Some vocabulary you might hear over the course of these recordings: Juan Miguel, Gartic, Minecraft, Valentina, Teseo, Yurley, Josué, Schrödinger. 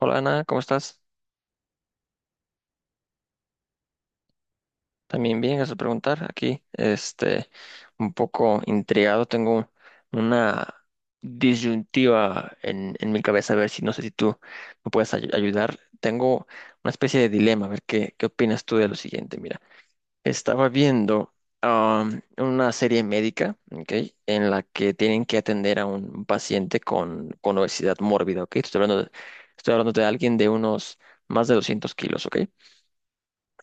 Hola Ana, ¿cómo estás? También bien, gracias por preguntar. Aquí, este, un poco intrigado, tengo una disyuntiva en mi cabeza, a ver si no sé si tú me puedes ayudar. Tengo una especie de dilema, a ver qué opinas tú de lo siguiente. Mira, estaba viendo una serie médica, ¿ok? En la que tienen que atender a un paciente con obesidad mórbida, ¿ok? Estoy hablando de alguien de unos más de 200 kilos, ¿ok?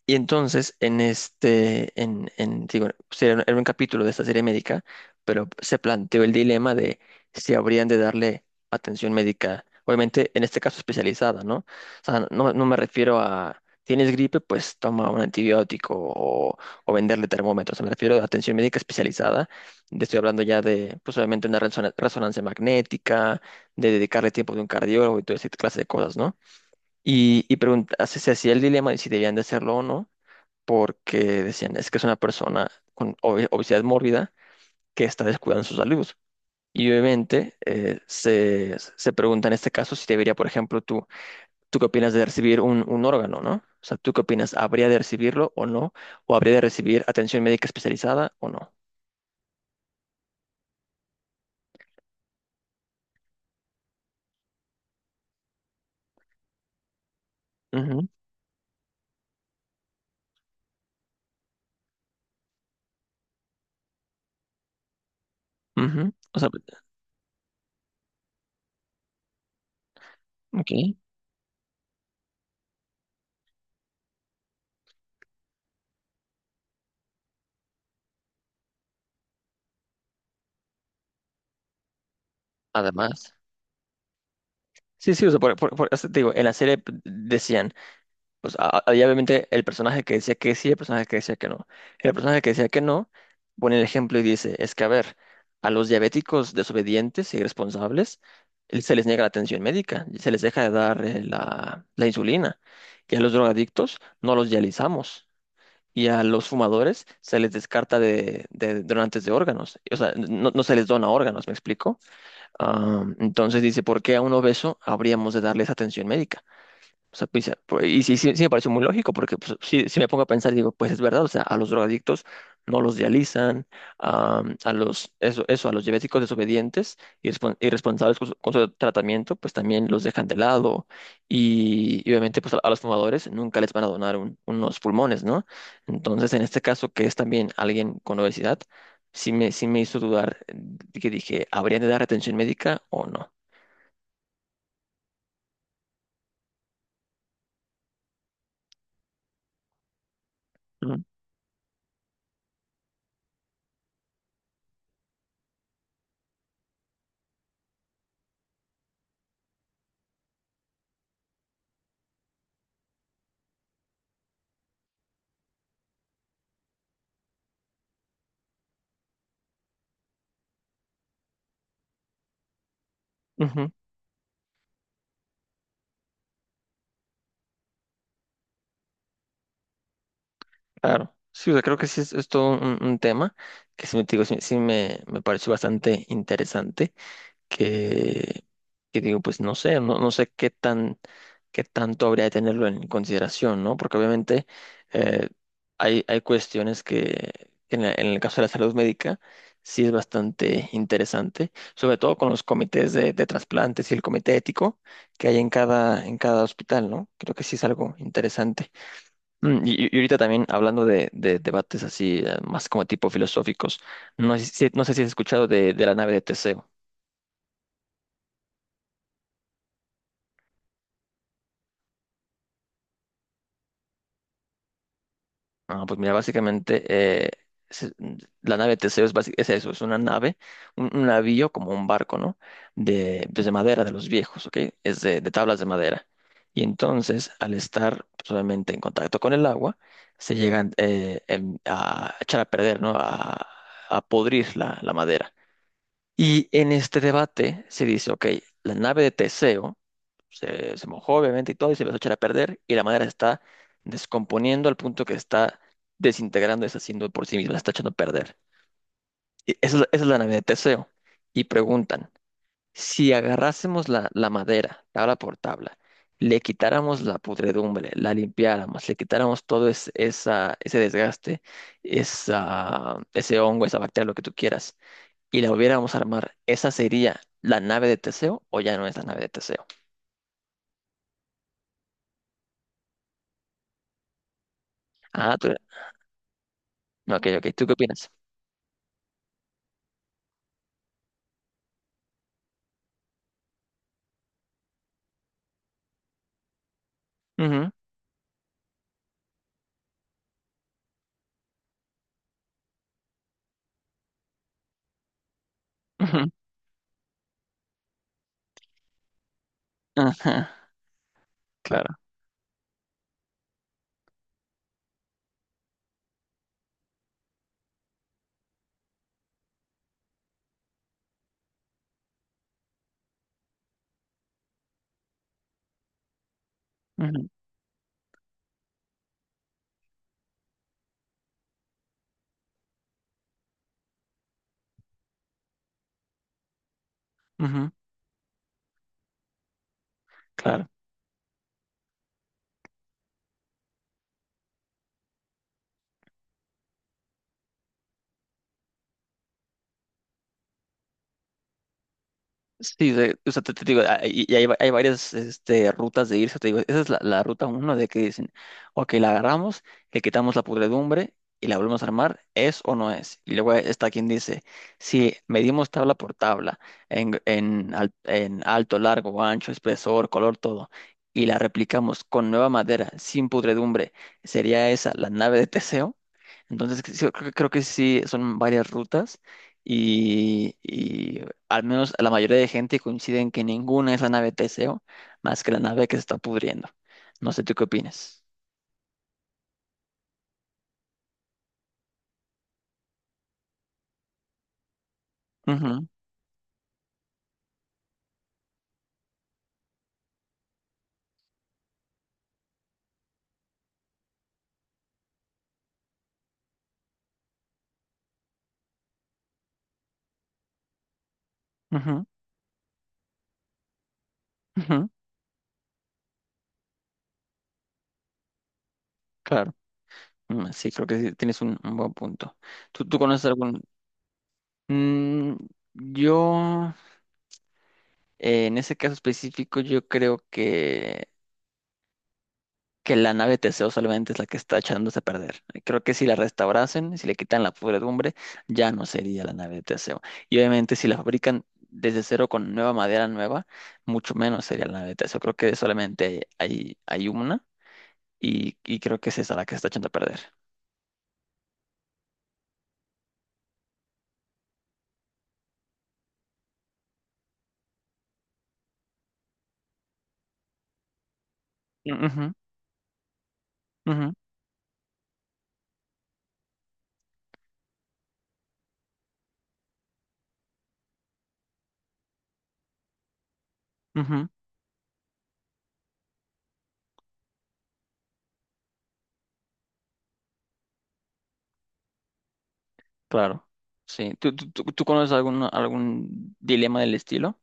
Y entonces, en este, en- digo, era un capítulo de esta serie médica, pero se planteó el dilema de si habrían de darle atención médica, obviamente en este caso especializada, ¿no? O sea, no, no me refiero a, tienes gripe, pues toma un antibiótico o venderle termómetros, me refiero a atención médica especializada, estoy hablando ya de, pues obviamente una resonancia magnética, de dedicarle tiempo de un cardiólogo y toda esa clase de cosas, ¿no? Y pregunta, se hacía el dilema de si debían de hacerlo o no porque decían, es que es una persona con obesidad mórbida que está descuidando su salud. Y obviamente se pregunta en este caso si debería, por ejemplo, ¿tú qué opinas de recibir un órgano, no? O sea, ¿tú qué opinas? ¿Habría de recibirlo o no? ¿O habría de recibir atención médica especializada o no? Ujú, ujú. O sea, ok. Además. Sí, sí, o sea, o sea, te digo, en la serie decían, pues había obviamente el personaje que decía que sí, el personaje que decía que no. El personaje que decía que no pone el ejemplo y dice, es que a ver, a los diabéticos desobedientes y irresponsables se les niega la atención médica, se les deja de dar la insulina. Y a los drogadictos no los dializamos. Y a los fumadores se les descarta de donantes de órganos. O sea, no, no se les dona órganos, ¿me explico? Ah, entonces dice, ¿por qué a un obeso habríamos de darles atención médica? O sea, y sí, sí, sí me pareció muy lógico, porque pues, sí, sí me pongo a pensar, y digo, pues es verdad, o sea, a los drogadictos no los dializan, a eso, eso, a los diabéticos desobedientes y irresponsables con su tratamiento, pues también los dejan de lado. Y obviamente, pues a los fumadores nunca les van a donar unos pulmones, ¿no? Entonces, en este caso, que es también alguien con obesidad, sí me hizo dudar, que dije, ¿habrían de dar atención médica o no? Ujú. Claro, sí, o sea, creo que sí es todo un tema que sí, me, digo, sí, sí me pareció bastante interesante, que, que digo, pues no sé, no, no sé qué tanto habría de tenerlo en consideración, ¿no? Porque obviamente eh, hay cuestiones que en el caso de la salud médica sí es bastante interesante, sobre todo con los comités de trasplantes y el comité ético que hay en cada hospital, ¿no? Creo que sí es algo interesante. Y ahorita también hablando de debates así, más como tipo filosóficos, no sé si has escuchado de la nave de Teseo. Ah, pues mira, básicamente se- la nave de Teseo es eso, es una nave, un navío como un barco, ¿no? De, pues de madera de los viejos, ¿ok? Es de tablas de madera. Y entonces, al estar pues, obviamente en contacto con el agua, se llegan a echar a perder, ¿no? A podrir la madera. Y en este debate se dice, ok, la nave de Teseo se mojó obviamente y todo y se empezó a echar a perder y la madera se está descomponiendo al punto que está desintegrando, deshaciendo por sí misma, se está echando a perder. Y esa es la nave de Teseo. Y preguntan, si agarrásemos la madera, tabla por tabla, le quitáramos la pudredumbre, la limpiáramos, le quitáramos todo ese desgaste, ese hongo, esa bacteria, lo que tú quieras y la volviéramos a armar, ¿esa sería la nave de Teseo o ya no es la nave de Teseo? Ah, no, ok, ok. ¿Tú qué opinas? Ujú, ujú. Ajá, claro. Ujú, ujú, claro. Sí, o sea, te digo, hay varias este, rutas de irse, te digo, esa es la ruta uno de que dicen, ok, la agarramos, le quitamos la pudredumbre y la volvemos a armar, ¿es o no es? Y luego está quien dice, si medimos tabla por tabla, en alto, largo, ancho, espesor, color, todo, y la replicamos con nueva madera, sin pudredumbre, ¿sería esa la nave de Teseo? Entonces, que sí, creo que sí son varias rutas y al menos la mayoría de gente coincide en que ninguna es la nave Teseo más que la nave que se está pudriendo. No sé, ¿tú qué opinas? Ujú, ujú, ujú, claro. Sí, creo que sí, tienes un buen punto. ¿Tú conoces algún...? Mm, yo, en ese caso específico, yo creo que la nave Teseo solamente es la que está echándose a perder. Creo que si la restaurasen, si le quitan la podredumbre, ya no sería la nave de Teseo. Y obviamente si la fabrican desde cero con nueva madera nueva, mucho menos sería la nave de Teseo. Creo que solamente hay una y creo que es esa la que está echando a perder. Ujú, ujú, ujú, claro, sí. ¿Tú conoces algún dilema del estilo?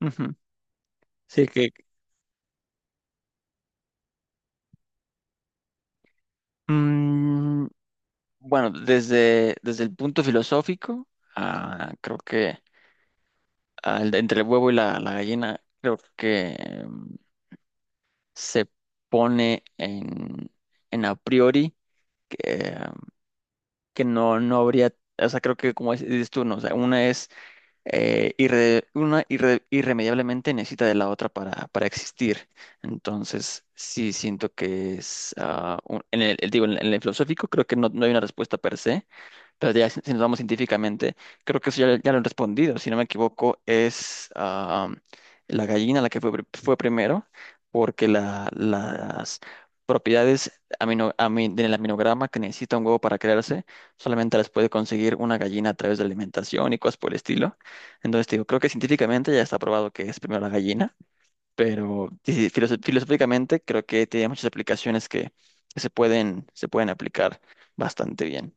Ujú. Sí. Mm, Bueno, desde el punto filosófico, creo que entre el huevo y la gallina, creo que se pone en, a priori que, em, que no, no habría, o sea, creo que como dices tú, ¿no? O sea, una es irremediablemente necesita de la otra para existir. Entonces, sí siento que digo, en el filosófico creo que no, no hay una respuesta per se. Pero ya si nos vamos científicamente, creo que eso ya lo han respondido. Si no me equivoco, es la gallina la que fue primero, porque las propiedades del aminograma que necesita un huevo para crearse, solamente las puede conseguir una gallina a través de alimentación y cosas por el estilo. Entonces, te digo, creo que científicamente ya está probado que es primero la gallina, pero sí, filosóficamente creo que tiene muchas aplicaciones que se pueden aplicar bastante bien.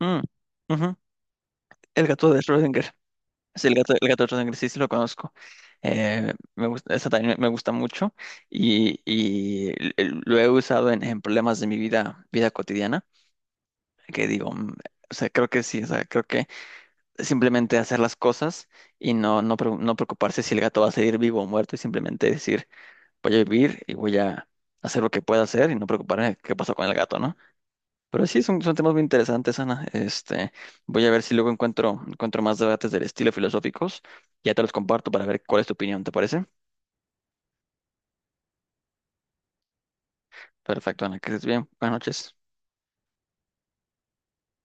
Mm, ujú. El gato de Schrödinger. Sí, el gato, de Schrödinger, sí, sí lo conozco. Me gusta, esa también me gusta mucho y lo he usado en problemas de mi vida cotidiana, que digo, o sea, creo que sí, o sea, creo que simplemente hacer las cosas y no preocuparse si el gato va a seguir vivo o muerto y simplemente decir, voy a vivir y voy a hacer lo que pueda hacer y no preocuparme qué pasó con el gato, ¿no? Pero sí, son temas muy interesantes, Ana. Este, voy a ver si luego encuentro más debates del estilo filosóficos. Ya te los comparto para ver cuál es tu opinión, ¿te parece? Perfecto, Ana, que estés bien. Buenas noches.